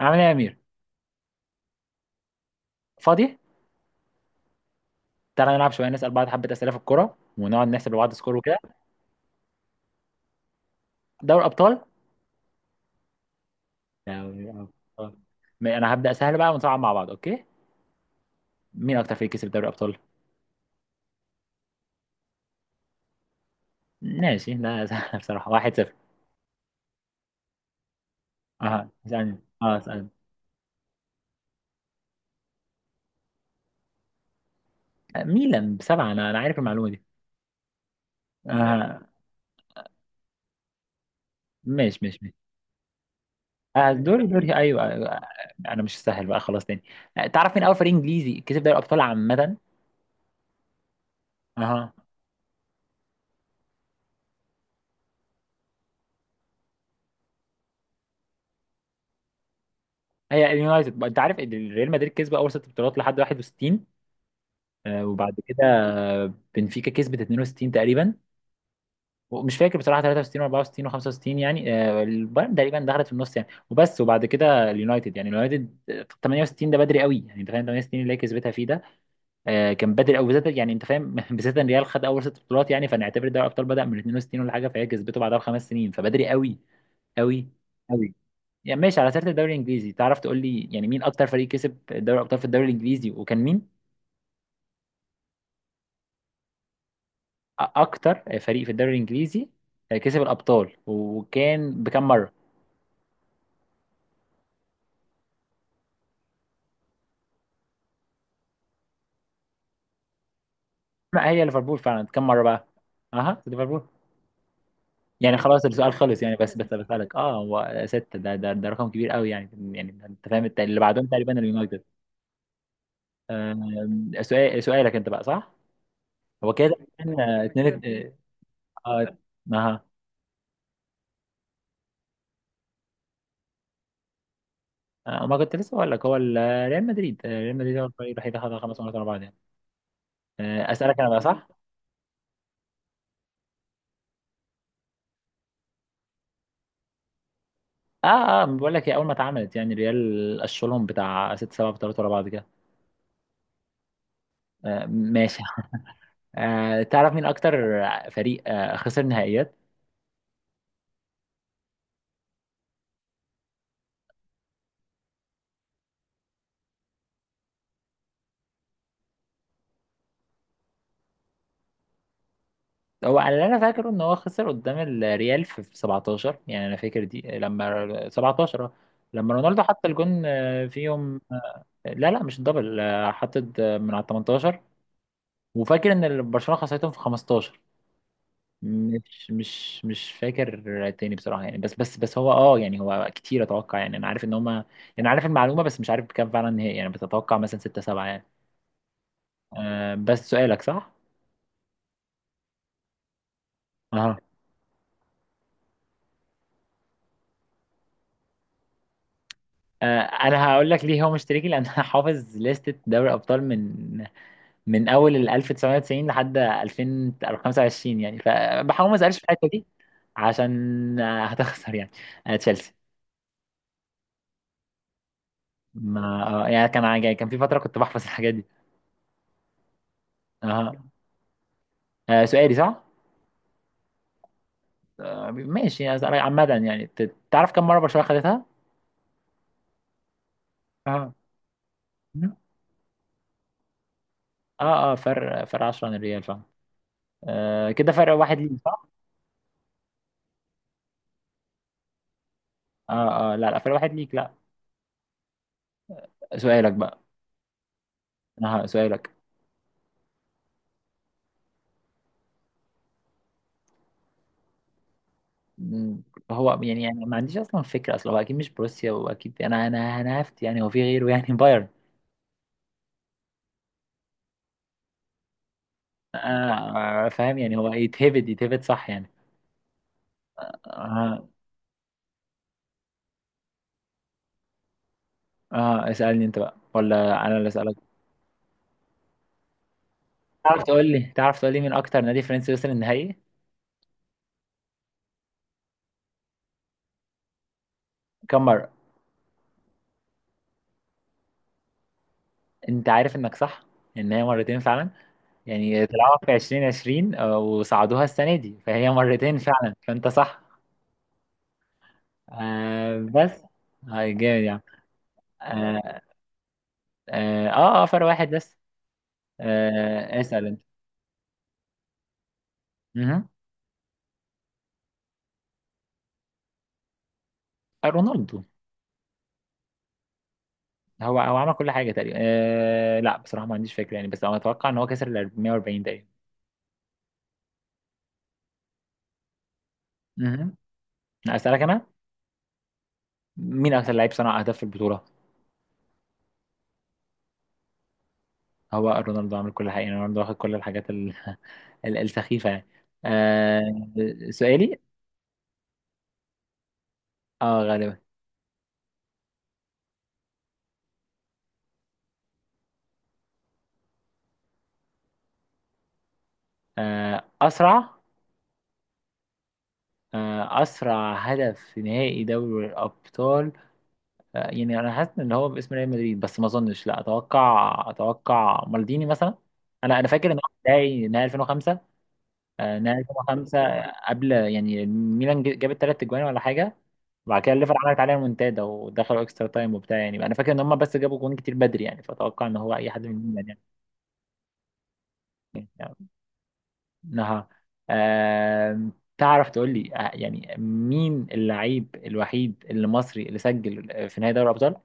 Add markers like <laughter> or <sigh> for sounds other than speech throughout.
عامل ايه يا امير؟ فاضي. تعالى نلعب شويه، نسال بعض حبه اسئله في الكوره، ونقعد نحسب لبعض سكور وكده. دوري ابطال. دوري ابطال. انا هبدا سهل بقى ونصعب مع بعض، اوكي؟ مين اكتر فريق كسب دوري ابطال؟ ماشي، لا <laughs> سهل بصراحه. 1-0. اه، اسالني. ميلان بسبعه، انا عارف المعلومه دي. اه. ماشي ماشي ماشي. دوري ايوه. انا مش سهل بقى، خلاص تاني. تعرف مين اول فريق انجليزي كسب دوري ابطال عامه؟ اها. هي اليونايتد. انت عارف ان ريال مدريد كسب اول ست بطولات لحد 61؟ وبعد كده بنفيكا كسبت 62 تقريبا، ومش فاكر بصراحه 63 و64 و65 يعني. البايرن تقريبا دخلت في النص يعني، وبس. وبعد كده اليونايتد يعني اليونايتد 68، ده بدري قوي، يعني انت فاهم؟ 68 اللي هي كسبتها فيه ده، كان بدري قوي بالذات، يعني انت فاهم <laughs> بالذات ان ريال خد اول ست بطولات، يعني فنعتبر دوري الابطال بدا من 62 ولا حاجه، فهي كسبته بعدها بخمس سنين، فبدري قوي قوي قوي. يعني ماشي على سيره الدوري الانجليزي، تعرف تقول لي يعني مين اكتر فريق كسب دوري الابطال في الدوري الانجليزي، وكان مين؟ اكتر فريق في الدوري الانجليزي كسب الابطال، وكان بكم مره؟ ما هي ليفربول فعلا، كم مره بقى؟ اها، ليفربول. يعني خلاص السؤال خلص يعني، بس بسألك، اه هو ستة ده، رقم كبير قوي يعني. يعني انت فاهم اللي بعدهم تقريبا اليونايتد. سؤالك انت بقى، صح؟ هو كده كان اتنين. اه. آه، ما كنت لسه بقول لك هو. ريال مدريد، ريال مدريد هو الفريق الوحيد اللي خدها خمس مرات ورا بعض يعني. اسألك انا بقى، صح؟ اه اه، بقول لك هي اول ما اتعملت، يعني ريال قشلهم بتاع ست سبع بطولات ورا بعض كده. آه ماشي. آه تعرف مين اكتر فريق خسر نهائيات؟ هو على اللي انا فاكره ان هو خسر قدام الريال في 17 يعني، انا فاكر دي لما 17، لما رونالدو حط الجون فيهم. لا لا، مش الدبل، حطت من على 18. وفاكر ان برشلونة خسرتهم في 15. مش فاكر تاني بصراحة يعني، بس هو اه يعني هو كتير، اتوقع يعني، انا عارف ان هما يعني، انا عارف المعلومة بس مش عارف بكام فعلا هي، يعني بتتوقع مثلا ستة سبعة يعني. آه بس سؤالك صح؟ اها. آه انا هقول لك ليه هو مشتركي <laughs> لان انا حافظ لستة دوري الابطال من اول ال 1990 لحد 2025 يعني، فبحاول ما اسالش في الحتة دي عشان هتخسر يعني. آه تشيلسي. ما آه يعني، كان كان في فترة كنت بحفظ الحاجات دي. اها. آه سؤالي صح؟ ماشي يعني، عامة يعني، تعرف كم مرة برشلونة خدتها؟ اه اه اه، فرق 10 عن الريال فاهم. آه كده فرق واحد ليك، صح؟ اه اه لا لا، فرق واحد ليك، لا. سؤالك بقى. انا سؤالك. مم، هو يعني ما عنديش اصلا فكرة اصلا، هو اكيد مش بروسيا، واكيد انا هفت يعني، هو في غيره يعني. <laughs> بايرن. فاهم يعني هو يتهبد يتهبد صح يعني. اه اه، اسألني انت بقى، ولا انا اللي اسألك؟ تعرف تقول لي مين اكتر نادي فرنسي وصل النهائي؟ كم مرة؟ انت عارف انك صح، ان هي مرتين فعلا. يعني طلعوها في 2020، وصعدوها السنه دي، فهي مرتين فعلا، فانت صح. آه بس. هاي جامد يعني. اه اه, آه فرق واحد بس. آه اسال انت. مهم. رونالدو. هو عمل كل حاجه تقريبا. آه لا بصراحه ما عنديش فكره يعني، بس انا اتوقع ان هو كسر ال 440 تقريبا. مهم. اسالك انا. مين اكثر لعيب صنع اهداف في البطوله؟ هو رونالدو عامل كل حاجة يعني، رونالدو واخد كل الحاجات <laughs> السخيفة يعني. آه سؤالي. اه غالبا. آه أسرع، آه أسرع هدف في نهائي دوري الأبطال. آه يعني أنا حاسس إن هو باسم ريال مدريد، بس ما أظنش، لا أتوقع مالديني مثلا. أنا فاكر إن هو نهائي 2005. آه نهائي 2005. قبل يعني ميلان جابت ثلاث أجوان ولا حاجة، بعد كده الليفر عملت عليها منتدى ودخلوا اكسترا تايم وبتاع يعني، انا فاكر ان هم بس جابوا جون كتير بدري يعني، فاتوقع ان هو اي حد من ميلان يعني. يعني انها آم، تعرف تقول لي يعني مين اللعيب الوحيد اللي مصري اللي سجل في نهائي دوري الابطال؟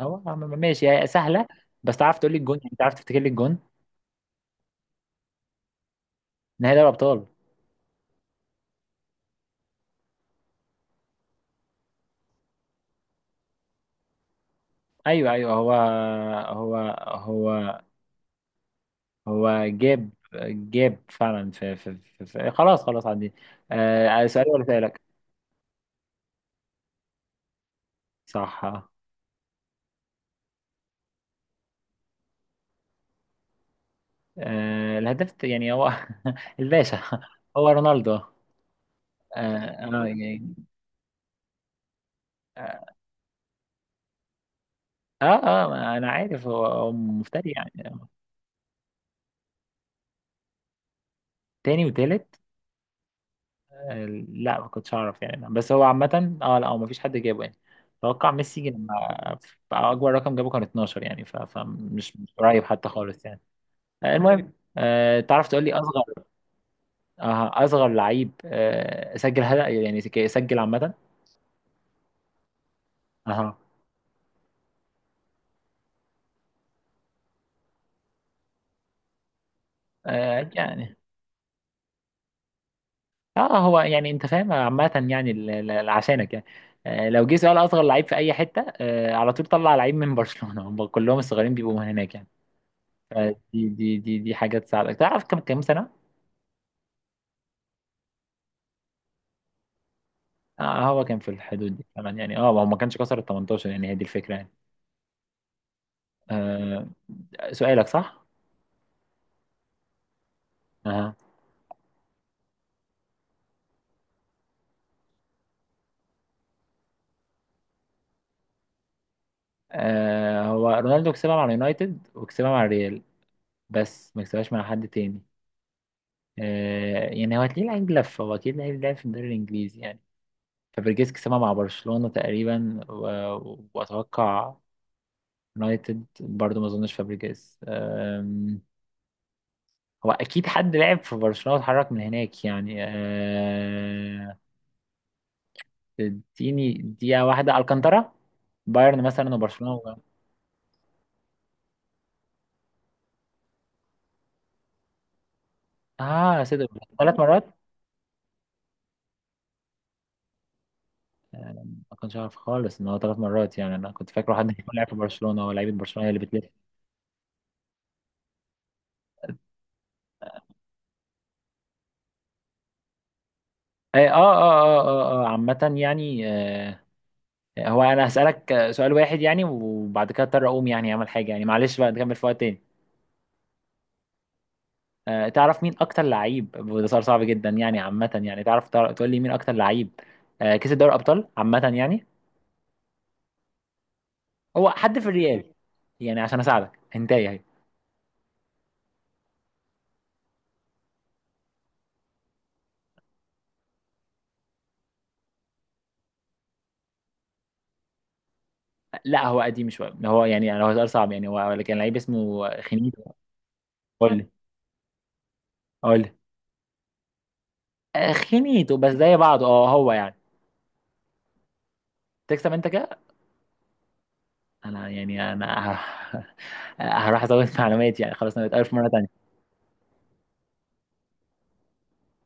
هو ماشي، هي سهله، بس تعرف تقول لي الجون يعني، تعرف تفتكر لي الجون؟ نهائي دوري الابطال. ايوه ايوه هو هو هو جاب فعلا في خلاص خلاص عندي. سؤالي ولا سؤالك؟ صح. آه الهداف يعني هو <laughs> الباشا، هو رونالدو اه. يعني. اه اه، ما انا عارف، هو هو مفتري يعني. تاني وتالت. آه لا، ما كنتش اعرف يعني، بس هو عامة. اه لا هو ما فيش حد جابه يعني، اتوقع ميسي لما اكبر رقم جابه كان 12 يعني، فمش مش قريب حتى خالص يعني. آه المهم، آه تعرف تقول لي اصغر، آه اصغر لعيب آه سجل هدف يعني، سجل عامة. اها. آه يعني، اه هو يعني انت فاهم عامة يعني عشانك يعني، لو جه سؤال اصغر لعيب في اي حتة، على طول طلع لعيب من <laughs> برشلونة، هم كلهم الصغيرين بيبقوا من هناك يعني. فدي دي حاجة تساعدك، تعرف كم سنة؟ آه هو كان في الحدود دي فعلا يعني، اه هو ما كانش كسر ال 18 يعني، هي دي الفكرة يعني. آه سؤالك صح؟ اه. هو رونالدو كسبها مع اليونايتد وكسبها مع الريال، بس ما كسبهاش مع حد تاني. آه يعني هو هتلاقيه لعيب لف، هو اكيد لعيب لعب في الدوري الانجليزي يعني. فابريجيز كسبها مع برشلونة تقريبا، و... واتوقع يونايتد برضو، ما اظنش فابريجيز. أم... هو اكيد حد لعب في برشلونة واتحرك من هناك يعني. اديني دقيقة واحدة، الكانتارا، بايرن مثلا وبرشلونة و... اه صدق، ثلاث مرات. ما كنتش عارف خالص ان هو ثلاث مرات يعني، انا كنت فاكره حد <laughs> يكون لعب في برشلونة، ولاعيبه برشلونة هي اللي بتلف. آه عامة يعني، هو انا هسألك سؤال واحد يعني، وبعد كده اضطر اقوم يعني اعمل حاجة يعني، معلش بقى نكمل في وقت تاني. أه تعرف مين اكتر لعيب، وده سؤال صعب جدا يعني عامة يعني، تعرف تقول لي مين اكتر لعيب أه كسب دوري ابطال عامة يعني؟ هو حد في الريال. يعني عشان اساعدك هنتاي اهي. لا هو قديم شوية، هو يعني هو سؤال صعب يعني، هو كان لعيب اسمه خينيتو. قول لي. قول لي. خينيتو بس زي بعضه، اه هو يعني. تكسب انت كده. انا يعني انا <laughs> هروح ازود معلومات يعني، خلاص انا بتقابل في مرة تانية.